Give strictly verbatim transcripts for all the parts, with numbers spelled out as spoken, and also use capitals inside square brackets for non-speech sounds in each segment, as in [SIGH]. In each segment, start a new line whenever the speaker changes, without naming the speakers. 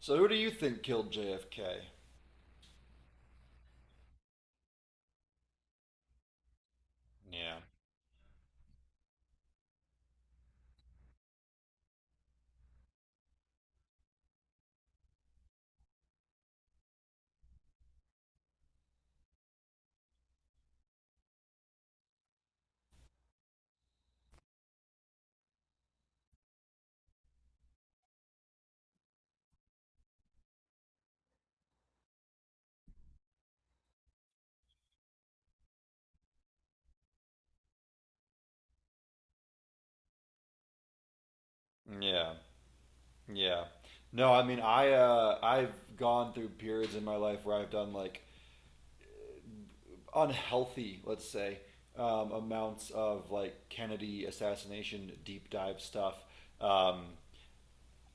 So who do you think killed J F K? Yeah. Yeah, yeah. No, I mean, I uh, I've gone through periods in my life where I've done like unhealthy, let's say, um, amounts of like Kennedy assassination deep dive stuff. Um,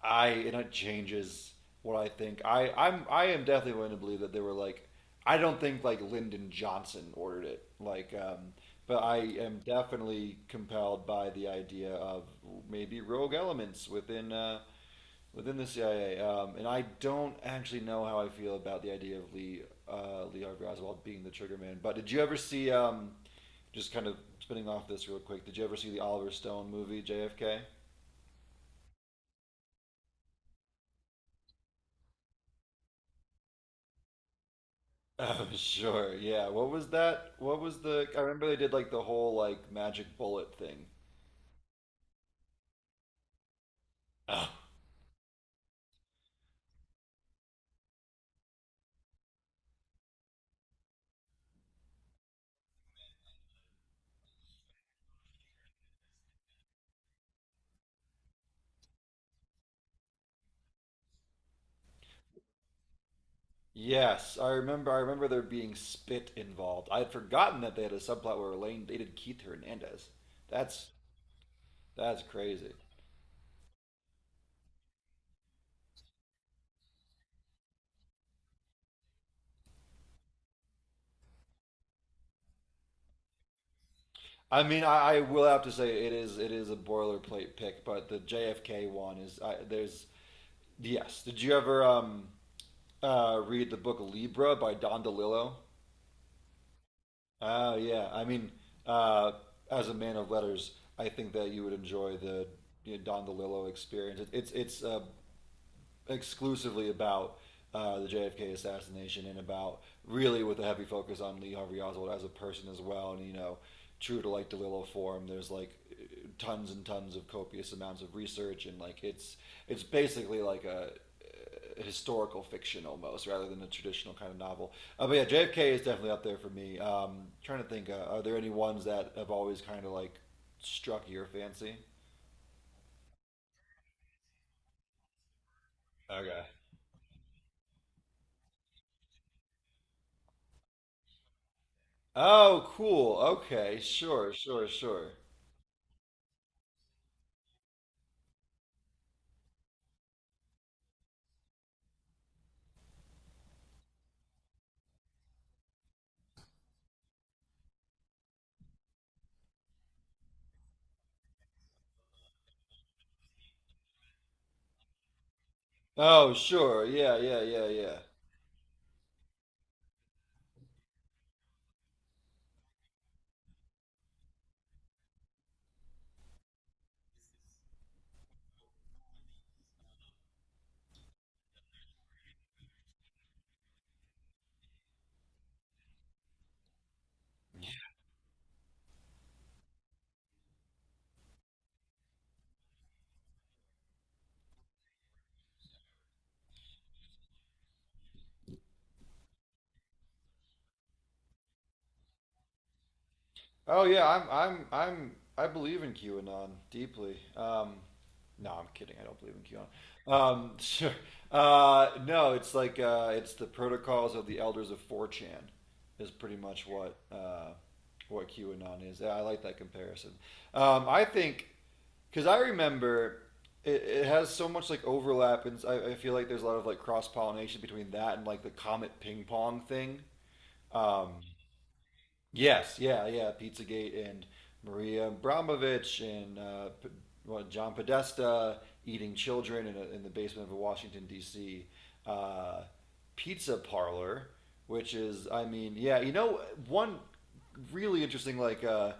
I and it changes what I think. I I'm I am definitely willing to believe that they were like I don't think like Lyndon Johnson ordered it. Like um but I am definitely compelled by the idea of maybe rogue elements within uh within the C I A. Um and I don't actually know how I feel about the idea of Lee uh Lee Harvey Oswald being the trigger man. But did you ever see um just kind of spinning off this real quick, did you ever see the Oliver Stone movie J F K? Oh, [LAUGHS] sure. Yeah. What was that? What was the? I remember they did like the whole like magic bullet thing. Oh. Yes, I remember. I remember there being spit involved. I had forgotten that they had a subplot where Elaine dated Keith Hernandez. That's that's crazy. I mean, I, I will have to say it is it is a boilerplate pick, but the J F K one is I, there's yes. Did you ever um uh read the book Libra by Don DeLillo? Oh yeah, I mean, uh, as a man of letters, I think that you would enjoy the you know, Don DeLillo experience. It, it's it's uh, exclusively about uh, the J F K assassination and about really with a heavy focus on Lee Harvey Oswald as a person as well. And you know, true to like DeLillo form, there's like tons and tons of copious amounts of research and like it's it's basically like a historical fiction almost rather than a traditional kind of novel. Uh, but yeah, J F K is definitely up there for me. Um, trying to think, uh, are there any ones that have always kind of like struck your fancy? Okay. Oh, cool. Okay, sure, sure, sure. Oh, sure. Yeah, yeah, yeah, yeah. Oh yeah, I'm I'm I'm I believe in QAnon deeply. Um no, I'm kidding. I don't believe in QAnon. Um [LAUGHS] sure. Uh no, it's like uh it's the protocols of the elders of four chan is pretty much what uh what QAnon is. Yeah, I like that comparison. Um I think cuz I remember it, it has so much like overlap and I, I feel like there's a lot of like cross-pollination between that and like the comet ping pong thing. Um Yes, yeah, yeah. Pizzagate and Maria Abramovich and uh, P- well, John Podesta eating children in, a, in the basement of a Washington D C. Uh, pizza parlor, which is, I mean, yeah, you know, one really interesting like uh,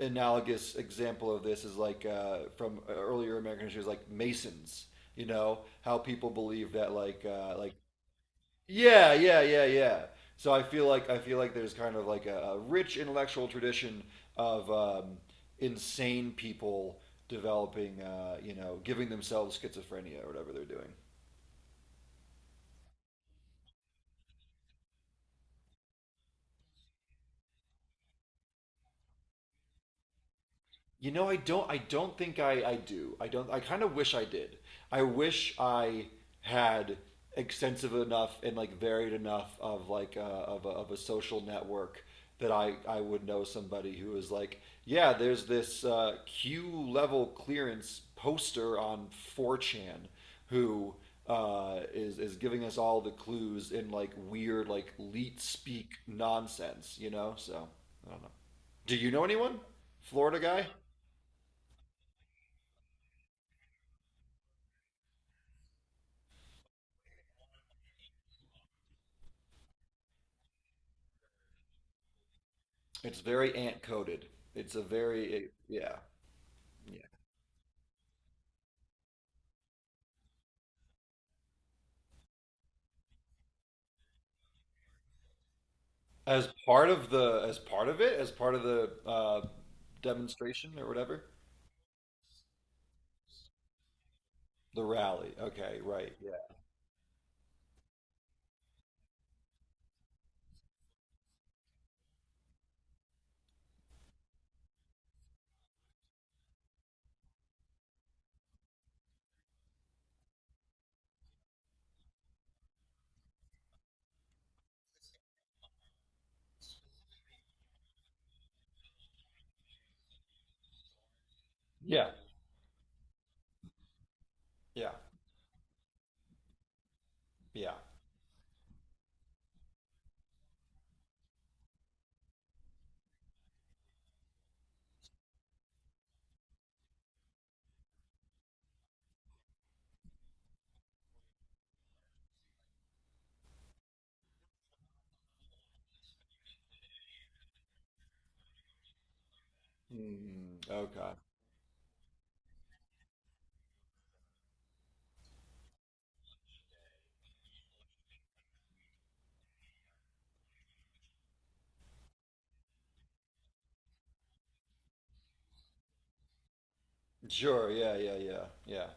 analogous example of this is like uh, from earlier American history is like Masons. You know how people believe that like uh, like yeah, yeah, yeah, yeah. So I feel like I feel like there's kind of like a, a rich intellectual tradition of um, insane people developing, uh, you know, giving themselves schizophrenia or whatever they're doing. You know, I don't. I don't think I. I do. I don't. I kind of wish I did. I wish I had extensive enough and like varied enough of like uh, of a, of a social network that I I would know somebody who is like, yeah, there's this uh, Q level clearance poster on four chan who uh, is is giving us all the clues in like weird like leet speak nonsense, you know. So I don't know. Do you know anyone? Florida guy? It's very ant coded. It's a very it- yeah yeah. As part of the as part of it, as part of the uh, demonstration or whatever, the rally. Okay, right. Yeah. Yeah. Yeah. Yeah. Mm, okay. Sure. Yeah. Yeah. Yeah. Yeah.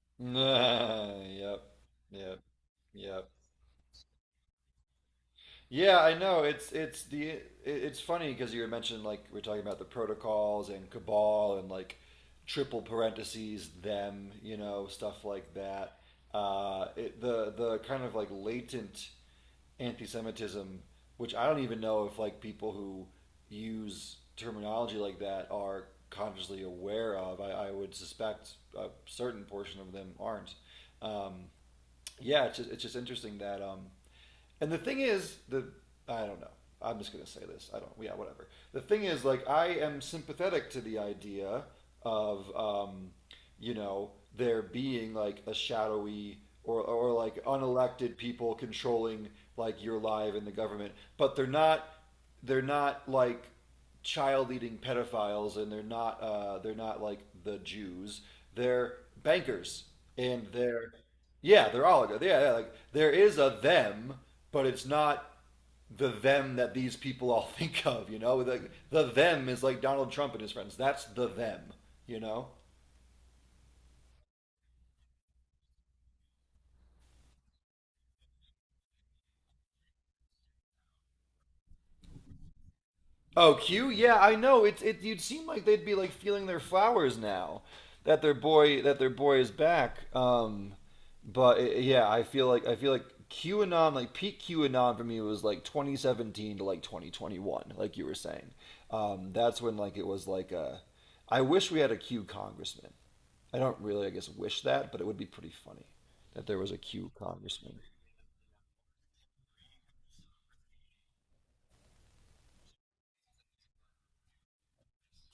[LAUGHS] Yep. Yep. Yep. Yeah, I know. It's it's the it- it's funny because you were mentioning like we're talking about the protocols and cabal and like triple parentheses them, you know, stuff like that. Uh, it, the the kind of like latent anti-Semitism, which I don't even know if like people who use terminology like that are consciously aware of. I, I would suspect a certain portion of them aren't. Um, yeah, it's just, it's just interesting that. Um, and the thing is, the I don't know. I'm just gonna say this. I don't. Yeah, whatever. The thing is, like, I am sympathetic to the idea of, um, you know, there being like a shadowy or or like unelected people controlling like your life and the government, but they're not they're not like child eating pedophiles and they're not uh, they're not like the Jews. They're bankers and they're yeah, they're oligarchs. Yeah, yeah, like there is a them, but it's not the them that these people all [LAUGHS] think of, you know? Like the them is like Donald Trump and his friends. That's the them, you know? Oh, Q? Yeah, I know. It's it. You'd seem like they'd be like feeling their flowers now that their boy that their boy is back. Um, but I yeah, I feel like I feel like QAnon, like peak QAnon for me was like twenty seventeen to like twenty twenty-one, like you were saying. Um, that's when like it was like a. I wish we had a Q congressman. I don't really, I guess, wish that, but it would be pretty funny that there was a Q congressman.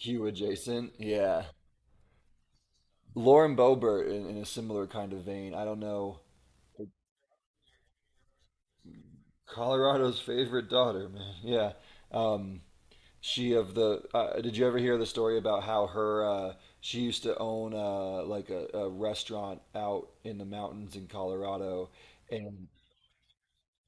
Q adjacent, yeah. Lauren Boebert in, in a similar kind of vein. I don't know. Colorado's favorite daughter, man. Yeah. Um, she of the. Uh, did you ever hear the story about how her? Uh, she used to own uh, like a, a restaurant out in the mountains in Colorado, and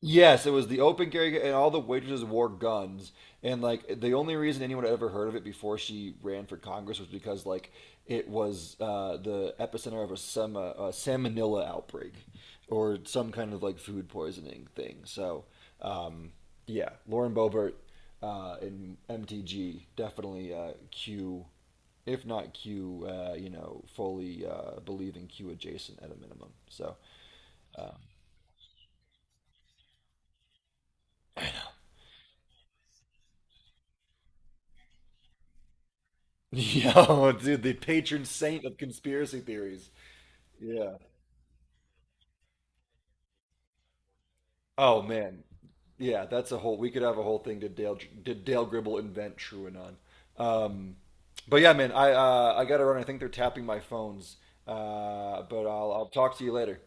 yes, it was the open carry, and all the waitresses wore guns. And like the only reason anyone had ever heard of it before she ran for Congress was because like it was uh, the epicenter of a some uh, salmonella outbreak or some kind of like food poisoning thing. So um, yeah, Lauren Boebert uh, in M T G definitely uh, Q, if not Q, uh, you know, fully uh, believe in Q adjacent at a minimum. So [LAUGHS] yo, dude, the patron saint of conspiracy theories. Yeah. Oh man. Yeah, that's a whole. We could have a whole thing. Did Dale did Dale Gribble invent Truanon? Um, but yeah, man, I uh, I gotta run. I think they're tapping my phones. Uh, but I'll I'll talk to you later.